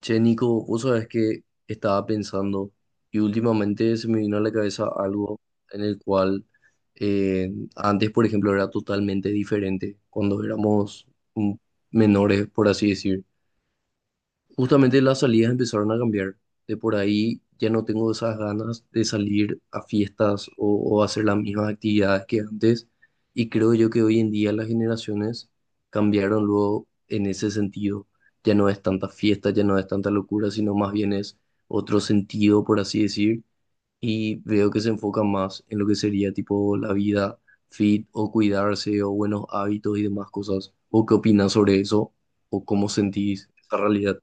Che, Nico, vos sabés que estaba pensando y últimamente se me vino a la cabeza algo en el cual antes, por ejemplo, era totalmente diferente cuando éramos mm, menores, por así decir. Justamente las salidas empezaron a cambiar. De por ahí ya no tengo esas ganas de salir a fiestas o hacer las mismas actividades que antes. Y creo yo que hoy en día las generaciones cambiaron luego en ese sentido. Ya no es tanta fiesta, ya no es tanta locura, sino más bien es otro sentido, por así decir. Y veo que se enfoca más en lo que sería tipo la vida fit o cuidarse o buenos hábitos y demás cosas. ¿O qué opinas sobre eso? ¿O cómo sentís esa realidad?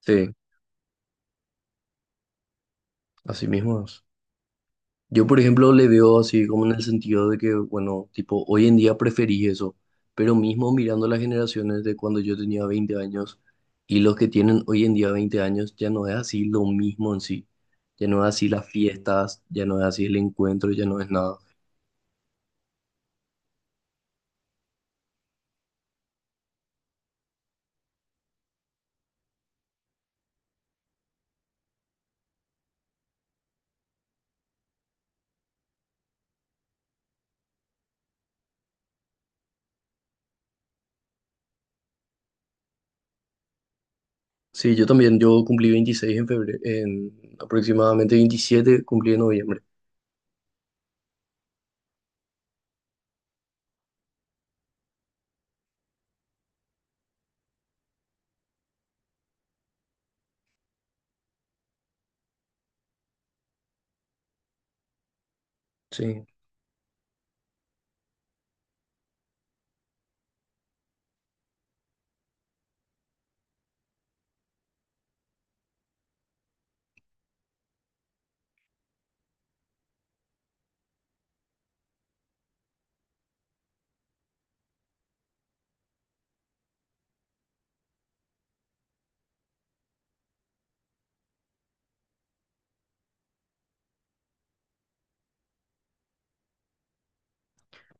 Sí, así mismo es. Yo, por ejemplo, le veo así como en el sentido de que, bueno, tipo, hoy en día preferí eso, pero mismo mirando las generaciones de cuando yo tenía 20 años y los que tienen hoy en día 20 años, ya no es así lo mismo en sí, ya no es así las fiestas, ya no es así el encuentro, ya no es nada. Sí, yo también, yo cumplí 26 en febrero, en aproximadamente 27 cumplí en noviembre. Sí.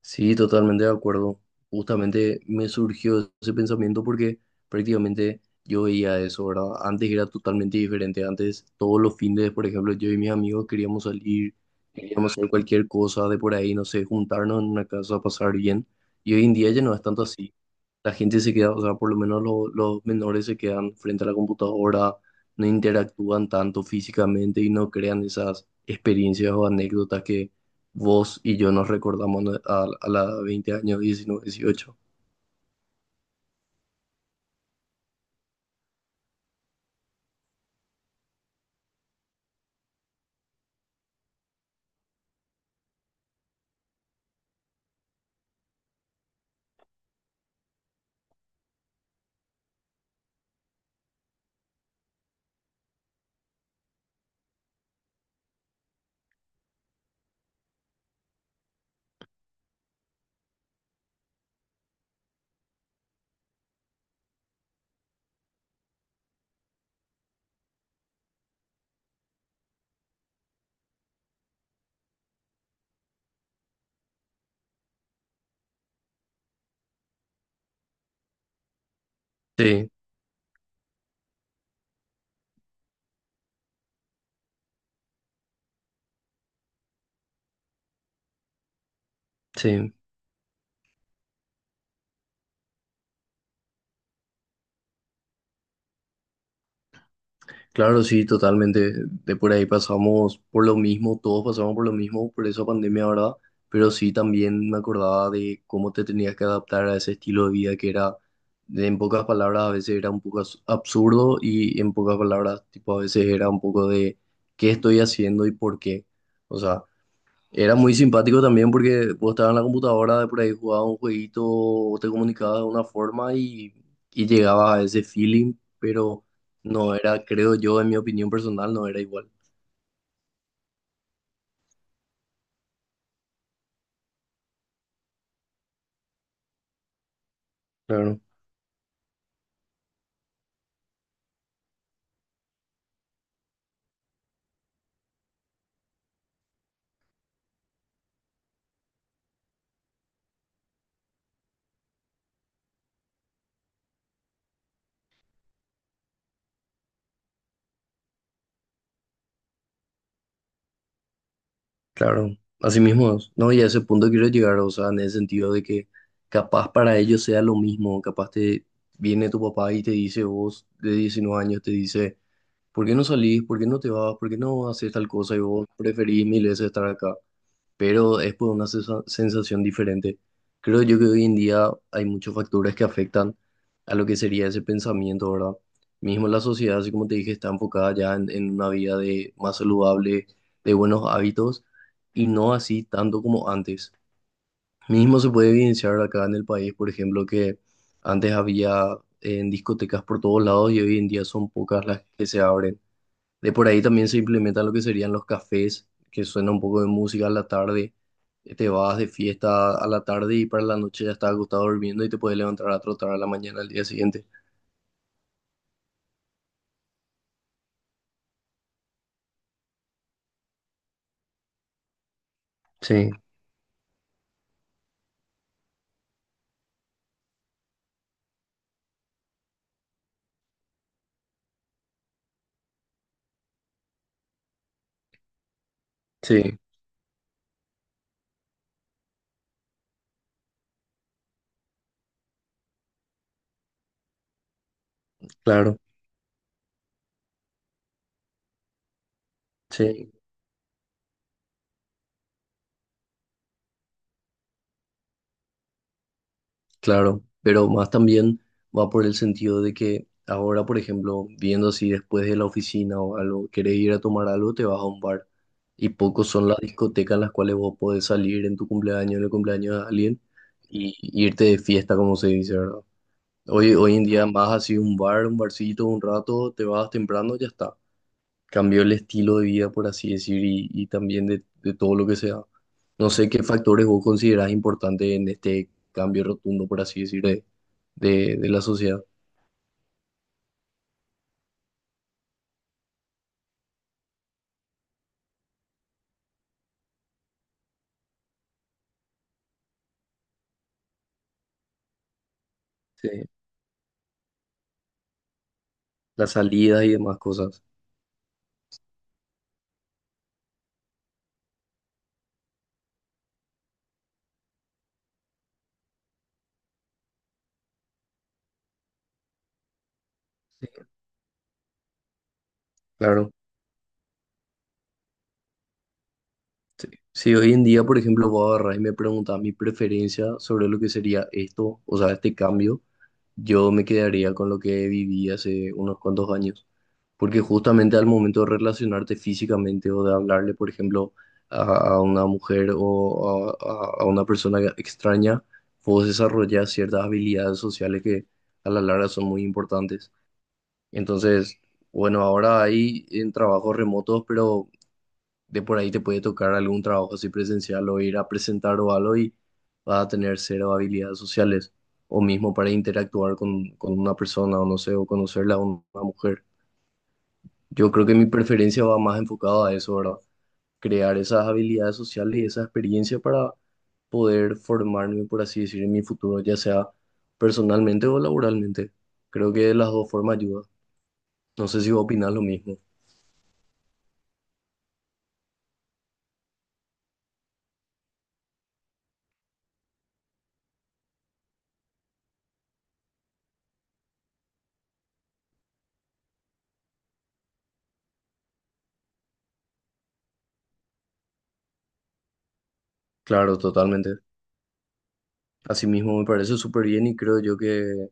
Sí, totalmente de acuerdo. Justamente me surgió ese pensamiento porque prácticamente yo veía eso, ¿verdad? Antes era totalmente diferente. Antes, todos los fines, por ejemplo, yo y mis amigos queríamos salir, queríamos hacer cualquier cosa de por ahí, no sé, juntarnos en una casa, pasar bien. Y hoy en día ya no es tanto así. La gente se queda, o sea, por lo menos lo- los menores se quedan frente a la computadora, no interactúan tanto físicamente y no crean esas experiencias o anécdotas vos y yo nos recordamos a la 20 años, 19, 18. Sí, sí, claro, sí, totalmente. De por ahí pasamos por lo mismo, todos pasamos por lo mismo, por esa pandemia, ¿verdad? Pero sí también me acordaba de cómo te tenías que adaptar a ese estilo de vida que era, en pocas palabras, a veces era un poco absurdo y en pocas palabras, tipo, a veces era un poco de qué estoy haciendo y por qué. O sea, era muy simpático también porque vos estabas en la computadora, de por ahí jugabas un jueguito, o te comunicabas de una forma y llegabas a ese feeling, pero no era, creo yo, en mi opinión personal, no era igual. Claro, claro. Así mismo es. No, y a ese punto quiero llegar, o sea, en el sentido de que capaz para ellos sea lo mismo, capaz te viene tu papá y te dice, vos de 19 años, te dice. ¿Por qué no salís? ¿Por qué no te vas? ¿Por qué no haces tal cosa? Y vos preferís mil veces estar acá. Pero es por una sensación diferente. Creo yo que hoy en día hay muchos factores que afectan a lo que sería ese pensamiento, ¿verdad? Mismo la sociedad, así como te dije, está enfocada ya en una vida de, más saludable, de buenos hábitos, y no así tanto como antes. Mismo se puede evidenciar acá en el país, por ejemplo, que antes había en discotecas por todos lados y hoy en día son pocas las que se abren. De por ahí también se implementan lo que serían los cafés, que suena un poco de música a la tarde. Te vas de fiesta a la tarde y para la noche ya estás acostado durmiendo y te puedes levantar a trotar a la mañana al día siguiente. Sí, sí, claro, sí, claro. Pero más también va por el sentido de que ahora, por ejemplo, viendo si después de la oficina o algo, querés ir a tomar algo, te vas a un bar. Y pocos son las discotecas en las cuales vos podés salir en tu cumpleaños, en el cumpleaños de alguien y irte de fiesta, como se dice, ¿verdad? Hoy, hoy en día más así un bar, un barcito, un rato, te vas temprano, ya está. Cambió el estilo de vida, por así decir, y también de todo lo que sea. No sé qué factores vos considerás importantes en este cambio rotundo, por así decir, de la sociedad. Sí. Las salidas y demás cosas. Claro. Sí. Si hoy en día, por ejemplo, vos agarrás y me preguntás mi preferencia sobre lo que sería esto, o sea, este cambio, yo me quedaría con lo que viví hace unos cuantos años. Porque justamente al momento de relacionarte físicamente o de hablarle, por ejemplo, a, a una mujer o a una persona extraña, vos desarrollas ciertas habilidades sociales que a la larga son muy importantes. Entonces, bueno, ahora hay en trabajos remotos, pero de por ahí te puede tocar algún trabajo así presencial o ir a presentar o algo y vas a tener cero habilidades sociales o mismo para interactuar con una persona o no sé, o conocerla a una mujer. Yo creo que mi preferencia va más enfocada a eso, ¿verdad? Crear esas habilidades sociales y esa experiencia para poder formarme, por así decir, en mi futuro, ya sea personalmente o laboralmente. Creo que de las dos formas ayuda. No sé si vos opinás lo mismo. Claro, totalmente. Asimismo, me parece súper bien y creo yo que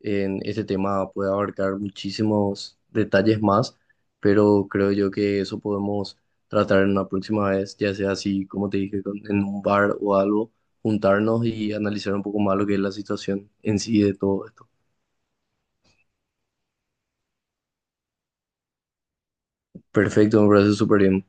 en este tema puede abarcar muchísimos detalles más, pero creo yo que eso podemos tratar en una próxima vez, ya sea así, como te dije, en un bar o algo, juntarnos y analizar un poco más lo que es la situación en sí de todo esto. Perfecto, me parece súper bien.